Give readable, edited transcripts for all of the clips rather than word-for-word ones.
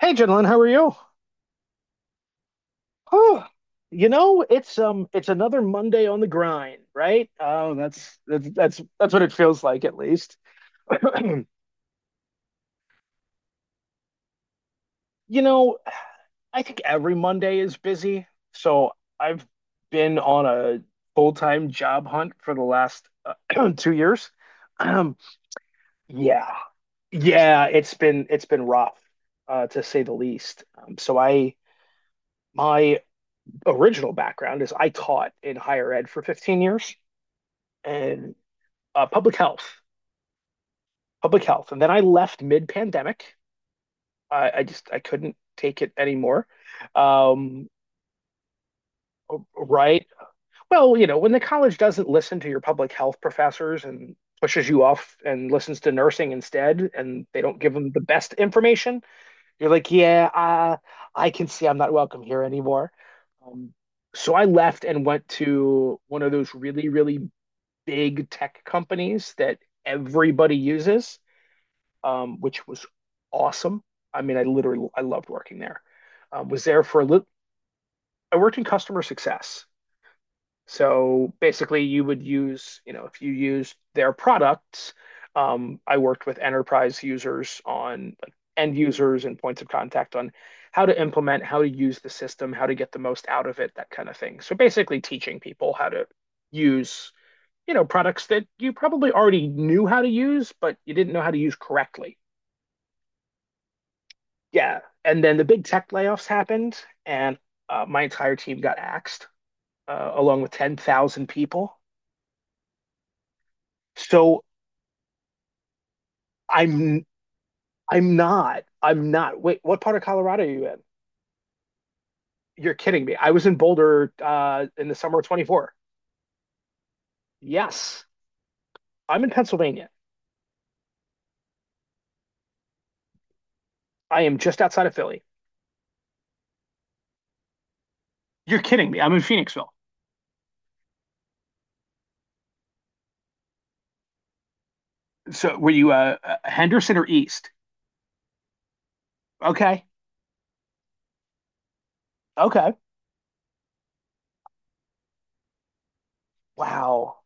Hey, gentlemen, how are you? Oh, you know, it's another Monday on the grind, right? Oh, that's what it feels like, at least. You know, I think every Monday is busy, so I've been on a full-time job hunt for the last 2 years. Um, yeah, yeah, it's been rough, to say the least. So I my original background is I taught in higher ed for 15 years. And public public health. And then I left mid-pandemic. I just I couldn't take it anymore. Um, right. Well, you know, when the college doesn't listen to your public health professors and pushes you off and listens to nursing instead, and they don't give them the best information, you're like, yeah, I can see I'm not welcome here anymore. Um, so I left and went to one of those really, really big tech companies that everybody uses. Which was awesome. I mean, I literally I loved working there. Was there for a little. I worked in customer success. So basically, you would use, you know, if you used their products, I worked with enterprise users on like end users and points of contact on how to implement, how to use the system, how to get the most out of it, that kind of thing. So basically, teaching people how to use, you know, products that you probably already knew how to use, but you didn't know how to use correctly. Yeah, and then the big tech layoffs happened, and my entire team got axed, along with 10,000 people. So I'm I'm not. Wait, what part of Colorado are you in? You're kidding me. I was in Boulder in the summer of 24. Yes, I'm in Pennsylvania. I am just outside of Philly. You're kidding me. I'm in Phoenixville. So were you Henderson or East? Okay. Okay. Wow.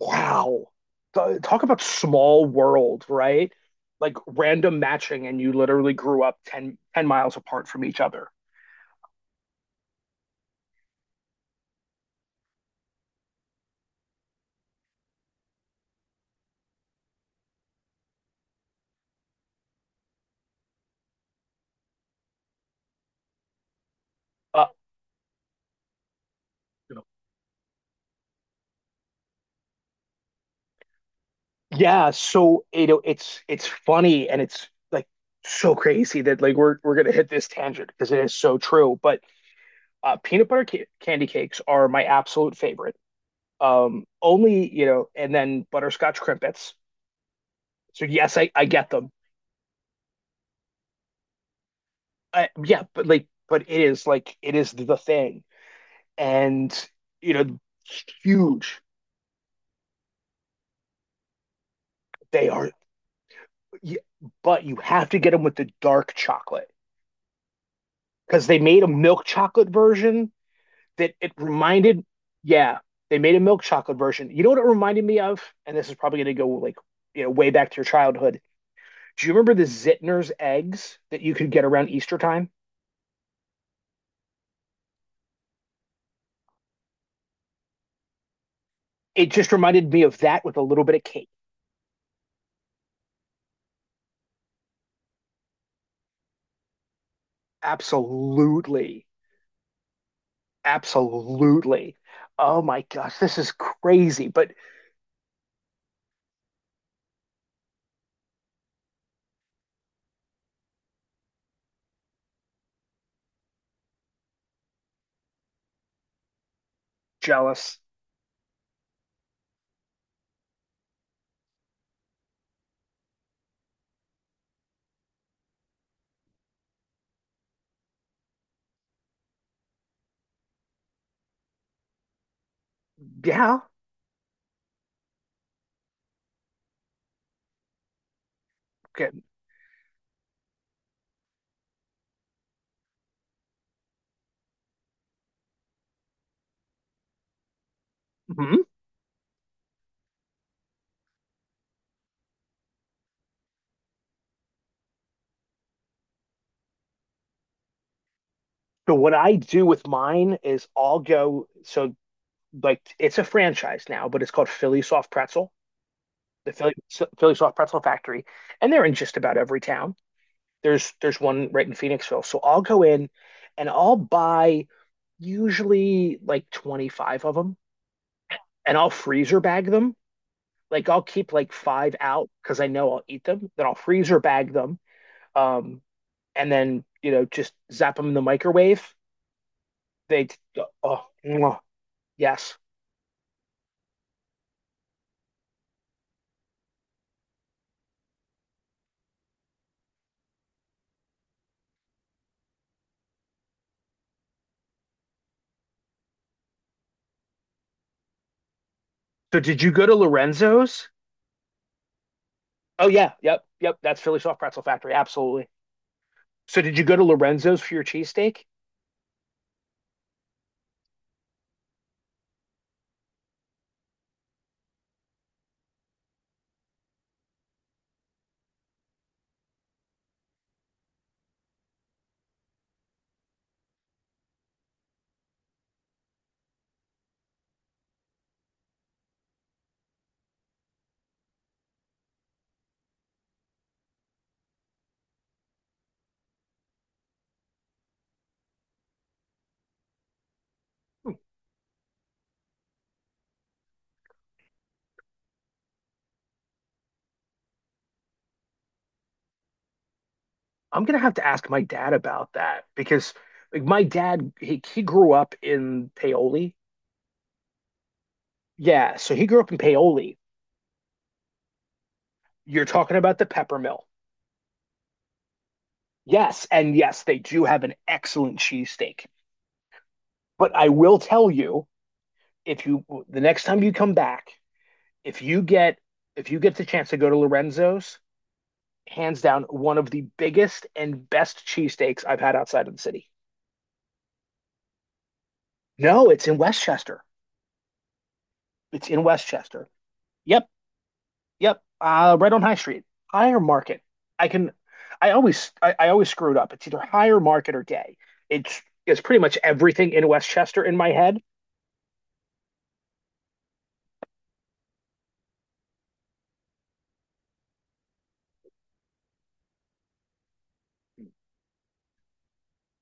Wow. Talk about small world, right? Like random matching, and you literally grew up ten miles apart from each other. Uh, yeah, so it's funny and it's like so crazy that like we're gonna hit this tangent because it is so true. But peanut butter ca candy cakes are my absolute favorite. Only you know, and then butterscotch crimpets. So yes, I get them. Yeah, but like, but it is like it is the thing. And you know, huge they are. But you have to get them with the dark chocolate because they made a milk chocolate version that it reminded. Yeah, they made a milk chocolate version. You know what it reminded me of? And this is probably going to go like you know way back to your childhood. Do you remember the Zittner's eggs that you could get around Easter time? It just reminded me of that with a little bit of cake. Absolutely. Absolutely. Oh my gosh, this is crazy, but jealous. Yeah. Okay. Hmm. But what I do with mine is I'll go so like it's a franchise now, but it's called Philly Soft Pretzel, the Philly Soft Pretzel Factory, and they're in just about every town. There's one right in Phoenixville. So I'll go in and I'll buy usually like 25 of them and I'll freezer bag them. Like I'll keep like five out because I know I'll eat them. Then I'll freezer bag them. Um, and then, you know, just zap them in the microwave they, oh, yes. So did you go to Lorenzo's? Oh, yeah. Yep. Yep. That's Philly Soft Pretzel Factory. Absolutely. So did you go to Lorenzo's for your cheesesteak? I'm gonna have to ask my dad about that because like my dad he grew up in Paoli. Yeah, so he grew up in Paoli. You're talking about the Pepper Mill. Yes, and yes, they do have an excellent cheesesteak. But I will tell you, if you the next time you come back, if you get if you get the chance to go to Lorenzo's, hands down one of the biggest and best cheesesteaks I've had outside of the city. No, it's in Westchester. It's in Westchester. Yep, yep. Right on High Street, Higher Market. I can. I always screw it up. It's either Higher Market or Day. It's pretty much everything in Westchester in my head.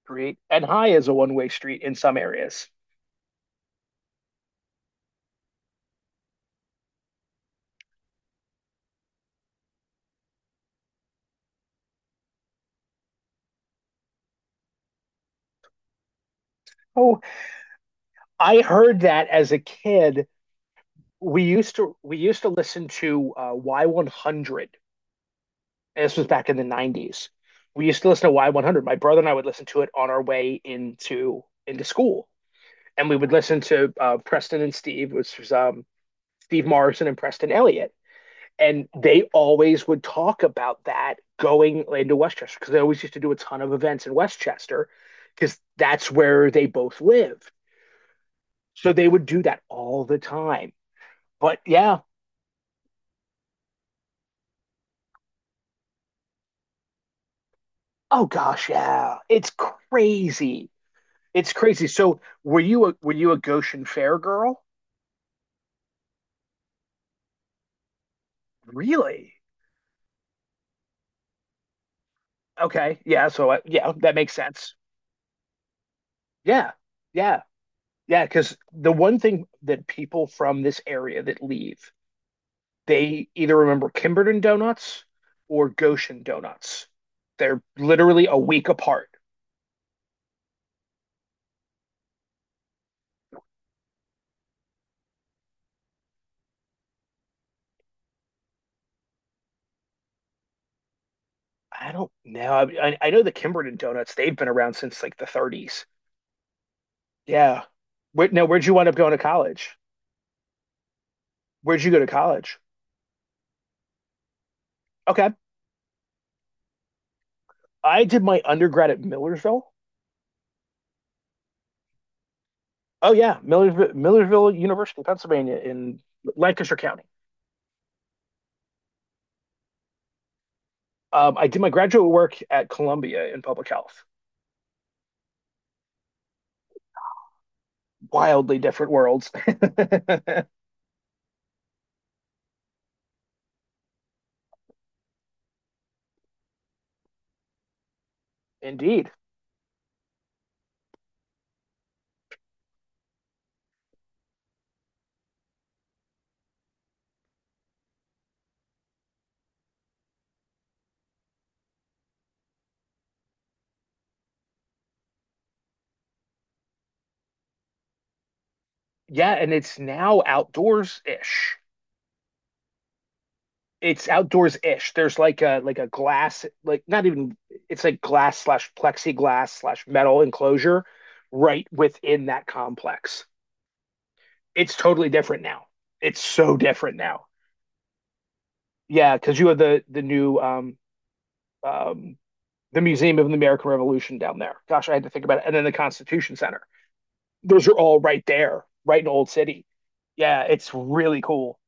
Great. And High is a one way street in some areas. Oh, I heard that as a kid. We used to listen to Y100. And this was back in the 90s. We used to listen to Y100. My brother and I would listen to it on our way into school. And we would listen to Preston and Steve, which was Steve Morrison and Preston Elliott. And they always would talk about that going into Westchester because they always used to do a ton of events in Westchester because that's where they both lived. So they would do that all the time. But yeah, oh gosh, yeah, it's crazy. It's crazy. So were you a Goshen Fair girl? Really? Okay. Yeah. So yeah, that makes sense. Yeah. Yeah. Yeah. Because the one thing that people from this area that leave, they either remember Kimberton Donuts or Goshen Donuts. They're literally a week apart. I don't know. I know the Kimberton Donuts, they've been around since like the 30s. Yeah. Where, now, where'd you wind up going to college? Where'd you go to college? Okay. I did my undergrad at Millersville. Oh yeah, Millersville University, Pennsylvania, in Lancaster County. I did my graduate work at Columbia in public health. Wildly different worlds. Indeed. Yeah, and it's now outdoors ish. It's outdoors ish. There's like a glass, like not even it's like glass slash plexiglass slash metal enclosure right within that complex. It's totally different now. It's so different now. Yeah, because you have the new um the Museum of the American Revolution down there. Gosh, I had to think about it. And then the Constitution Center. Those are all right there, right in Old City. Yeah, it's really cool.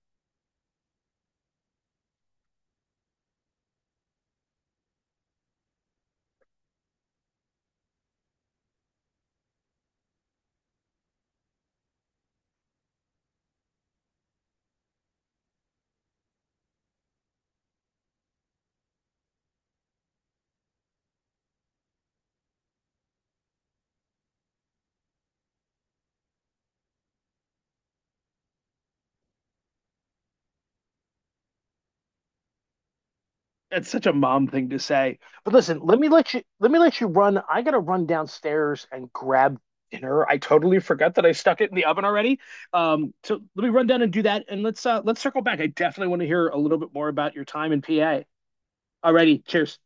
It's such a mom thing to say. But listen, let you run. I gotta run downstairs and grab dinner. I totally forgot that I stuck it in the oven already. So let me run down and do that and let's circle back. I definitely want to hear a little bit more about your time in PA. Alrighty, cheers.